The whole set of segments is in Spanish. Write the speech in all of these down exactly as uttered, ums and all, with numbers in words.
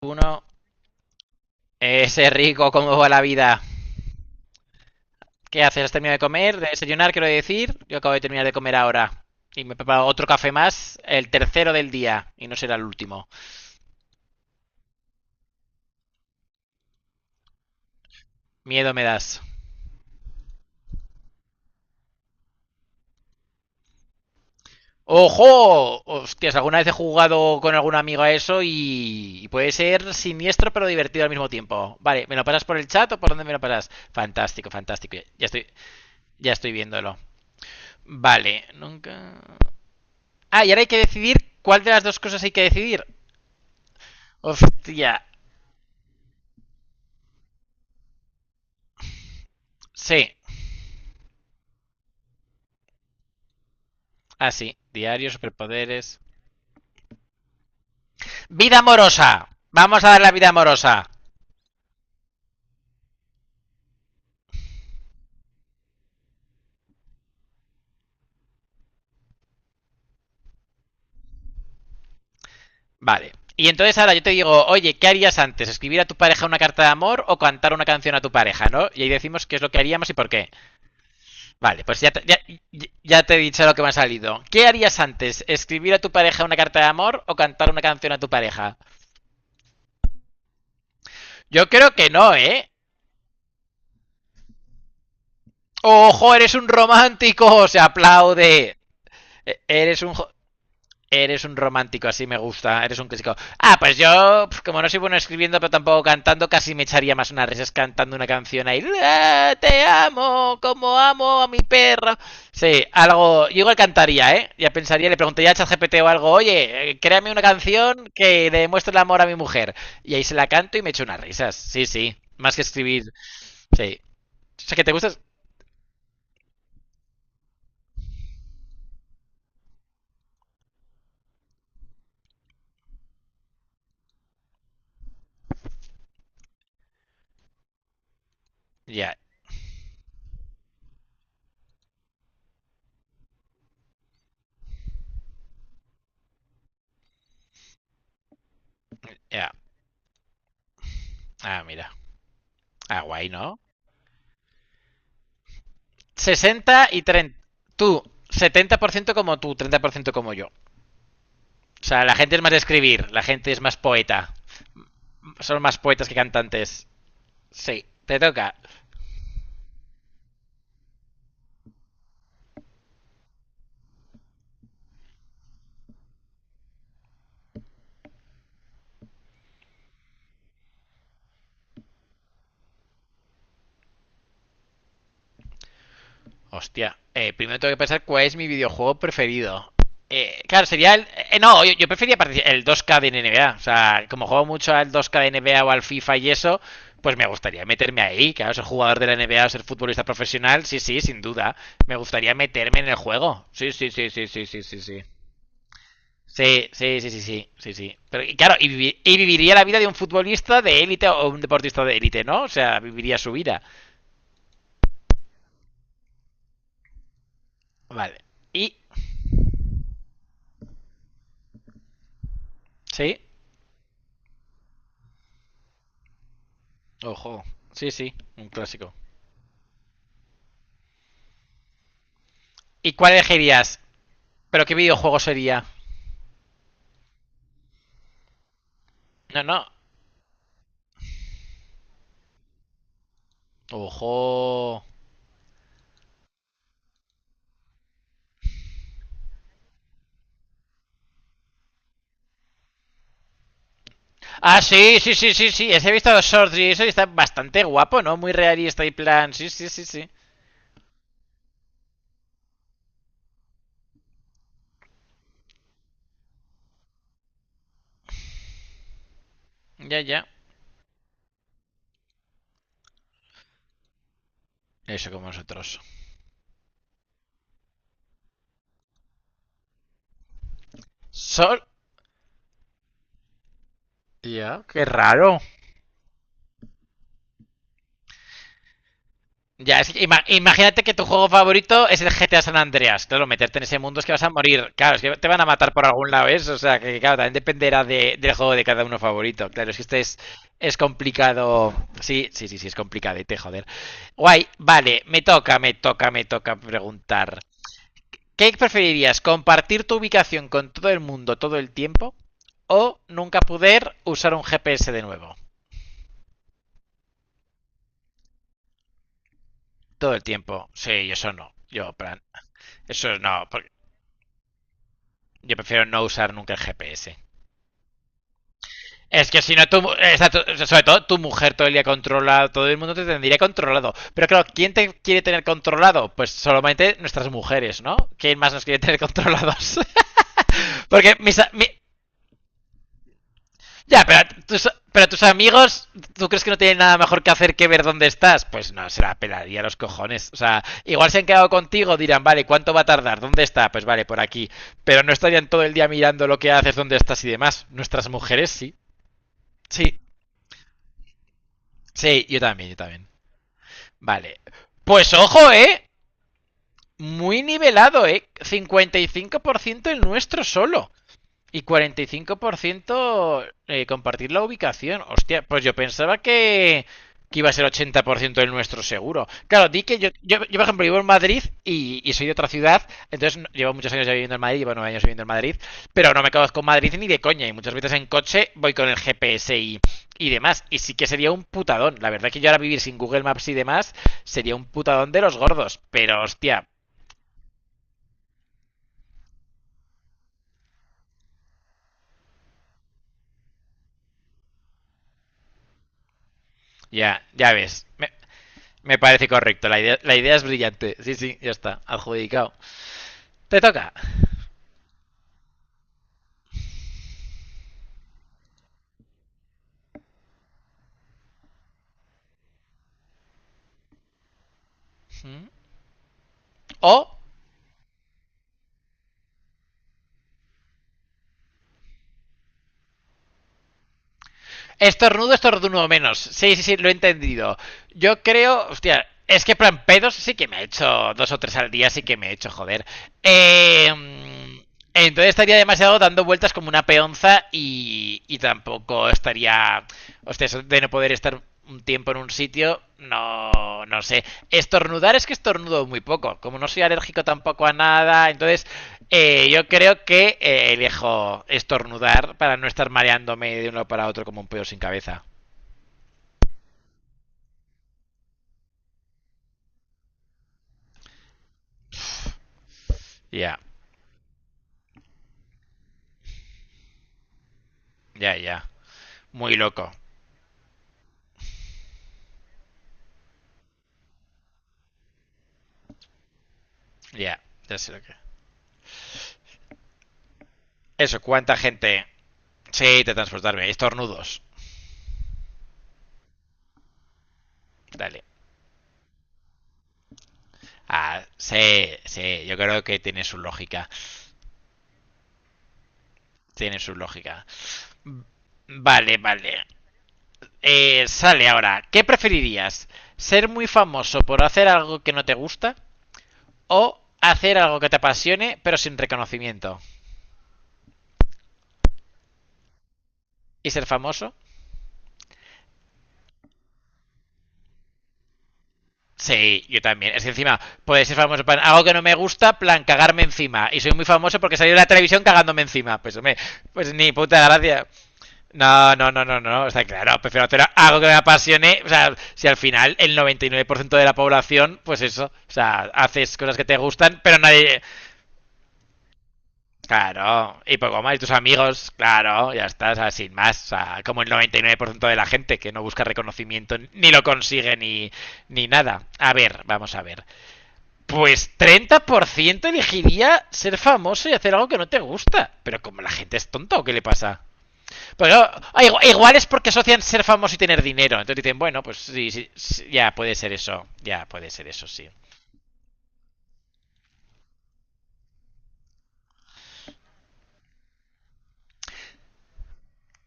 Uno, ese rico, ¿cómo va la vida? ¿Qué haces? ¿Has terminado de comer? ¿De desayunar, quiero decir? Yo acabo de terminar de comer ahora. Y me he preparado otro café más, el tercero del día. Y no será el último. Miedo me das. ¡Ojo! Hostias, alguna vez he jugado con algún amigo a eso y... y puede ser siniestro pero divertido al mismo tiempo. Vale, ¿me lo pasas por el chat o por dónde me lo pasas? Fantástico, fantástico. Ya estoy, ya estoy viéndolo. Vale, nunca... Ah, y ahora hay que decidir cuál de las dos cosas hay que decidir. Hostia, sí, así. Diario, superpoderes. ¡Vida amorosa! Vamos a dar la vida amorosa. Vale. Y entonces ahora yo te digo, oye, ¿qué harías antes? ¿Escribir a tu pareja una carta de amor o cantar una canción a tu pareja, no? Y ahí decimos qué es lo que haríamos y por qué. Vale, pues ya te, ya, ya te he dicho lo que me ha salido. ¿Qué harías antes? ¿Escribir a tu pareja una carta de amor o cantar una canción a tu pareja? Yo creo que no, ¿eh? ¡Ojo, eres un romántico! Se aplaude. E- Eres un... Eres un romántico, así me gusta. Eres un clásico. Ah, pues yo, pues, como no soy bueno escribiendo, pero tampoco cantando, casi me echaría más unas risas cantando una canción ahí. "Ah, te amo, como amo a mi perro. Sí, algo. Yo igual cantaría, ¿eh? Ya pensaría, le preguntaría a ChatGPT o algo, oye, eh, créame una canción que le demuestre el amor a mi mujer. Y ahí se la canto y me echo unas risas. Sí, sí. Más que escribir. Sí. O sea, que te gustas. Ya, ya. Ah, mira. Ah, guay, ¿no? Sesenta y treinta. Tú, setenta por ciento como tú, treinta por ciento como yo. O sea, la gente es más de escribir, la gente es más poeta. Son más poetas que cantantes. Sí, te toca. Hostia, eh, primero tengo que pensar cuál es mi videojuego preferido. Eh, claro, sería el. Eh, no, yo, yo prefería el dos k de N B A. O sea, como juego mucho al dos k de N B A o al FIFA y eso, pues me gustaría meterme ahí. Claro, ser jugador de la N B A o ser futbolista profesional, sí, sí, sin duda. Me gustaría meterme en el juego. Sí, sí, sí, sí, sí, sí, sí. sí. Sí, sí, sí, sí, sí, sí, sí. Pero y claro, y, vivi- y viviría la vida de un futbolista de élite o un deportista de élite, ¿no? O sea, viviría su vida. Vale. Y, sí, ojo. Sí, sí, un clásico. ¿Y cuál elegirías? ¿Pero qué videojuego sería? No, no. Ojo. Ah, sí, sí, sí, sí, sí. Ese he visto los shorts y eso y está bastante guapo, ¿no? Muy realista y plan. Sí, sí, sí, sí. Ya, ya. Eso como nosotros. Sol. Ya, qué raro. Ya, es que ima- imagínate que tu juego favorito es el G T A San Andreas. Claro, meterte en ese mundo es que vas a morir. Claro, es que te van a matar por algún lado, ¿ves? O sea, que claro, también dependerá de- del juego de cada uno favorito. Claro, es que este es, es complicado. Sí, sí, sí, sí, es complicadete, joder. Guay, vale, me toca, me toca, me toca preguntar. ¿Qué preferirías? ¿Compartir tu ubicación con todo el mundo todo el tiempo? ¿O nunca poder usar un G P S de nuevo? Todo el tiempo. Sí, eso no. Yo, en plan, eso no. Yo prefiero no usar nunca el G P S. Es que si no, tu, sobre todo tu mujer todo el día controla, todo el mundo te tendría controlado. Pero claro, ¿quién te quiere tener controlado? Pues solamente nuestras mujeres, ¿no? ¿Quién más nos quiere tener controlados? Porque mis, mi, ya, pero tus, pero tus amigos, ¿tú crees que no tienen nada mejor que hacer que ver dónde estás? Pues no, se la pelaría a los cojones. O sea, igual se han quedado contigo, dirán, vale, ¿cuánto va a tardar? ¿Dónde está? Pues vale, por aquí. Pero no estarían todo el día mirando lo que haces, dónde estás y demás. Nuestras mujeres sí. Sí, sí, yo también, yo también. Vale. Pues ojo, ¿eh? Muy nivelado, ¿eh? Cincuenta y cinco por ciento el nuestro solo. Y cuarenta y cinco por ciento eh, compartir la ubicación. Hostia, pues yo pensaba que, que iba a ser ochenta por ciento del nuestro seguro. Claro, di que yo, yo, yo, por ejemplo, vivo en Madrid y, y soy de otra ciudad, entonces no- llevo muchos años ya viviendo en Madrid, llevo nueve años viviendo en Madrid, pero no me conozco Madrid ni de coña y muchas veces en coche voy con el G P S y, y demás. Y sí que sería un putadón. La verdad que yo ahora vivir sin Google Maps y demás sería un putadón de los gordos, pero hostia, ya, ya ves. Me- Me parece correcto, la idea, la idea es brillante. Sí, sí, ya está, adjudicado. Te toca. O Estornudo, estornudo menos. Sí, sí, sí, lo he entendido. Yo creo, hostia, es que plan pedos sí que me he hecho dos o tres al día, sí que me he hecho, joder. Eh, entonces estaría demasiado dando vueltas como una peonza y, y tampoco estaría, hostia, eso de no poder estar un tiempo en un sitio, no, no sé. Estornudar es que estornudo muy poco. Como no soy alérgico tampoco a nada, entonces eh, yo creo que eh, elijo estornudar para no estar mareándome de uno para otro como un pedo sin cabeza. Ya, ya, ya. Muy loco. Ya, ya sé lo que. Eso, ¿cuánta gente? Sí, te transportarme. Estornudos. Dale. Ah, sí, sí. Yo creo que tiene su lógica. Tiene su lógica. Vale, vale. Eh, sale ahora. ¿Qué preferirías? ¿Ser muy famoso por hacer algo que no te gusta? ¿O hacer algo que te apasione pero sin reconocimiento? ¿Y ser famoso? Sí, yo también. Es que encima, puede ser famoso para algo que no me gusta, plan cagarme encima. Y soy muy famoso porque salí de la televisión cagándome encima. Pues hombre, pues ni puta gracia. No, no, no, no, no, no. O sea, claro, prefiero hacer algo que me apasione. O sea, si al final el noventa y nueve por ciento de la población, pues eso. O sea, haces cosas que te gustan, pero nadie, claro, y poco más, y tus amigos, claro, ya estás, sin más, o sea, como el noventa y nueve por ciento de la gente que no busca reconocimiento ni lo consigue ni, ni nada. A ver, vamos a ver. Pues treinta por ciento elegiría ser famoso y hacer algo que no te gusta. Pero como la gente es tonta, ¿o qué le pasa? Pues ah, igual, igual es porque asocian ser famoso y tener dinero. Entonces dicen, bueno, pues sí, sí, sí, ya puede ser eso, ya puede ser eso, sí.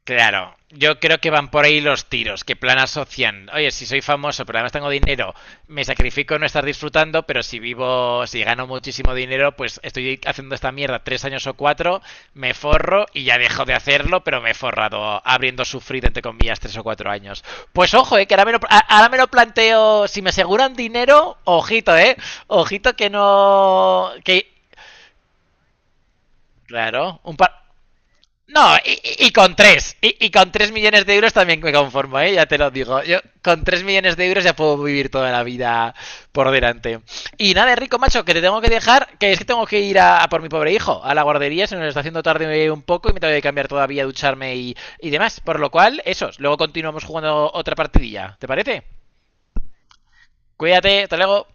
Claro, yo creo que van por ahí los tiros, que plan asocian, oye, si soy famoso, pero además tengo dinero, me sacrifico en no estar disfrutando, pero si vivo, si gano muchísimo dinero, pues estoy haciendo esta mierda tres años o cuatro, me forro y ya dejo de hacerlo, pero me he forrado habiendo sufrido, entre comillas, tres o cuatro años. Pues ojo, eh, que ahora me, lo, ahora me lo planteo, si me aseguran dinero, ojito, eh, ojito que no, que, claro, un par... No, y, y- con tres, Y, y con tres millones de euros también me conformo, ¿eh? Ya te lo digo. Yo con tres millones de euros ya puedo vivir toda la vida por delante. Y nada, Rico, macho, que te tengo que dejar, que es que tengo que ir a, a por mi pobre hijo, a la guardería, se nos está haciendo tarde un poco y me tengo que cambiar todavía, ducharme y, y demás. Por lo cual, eso, luego continuamos jugando otra partidilla. ¿Te parece? Cuídate, hasta luego.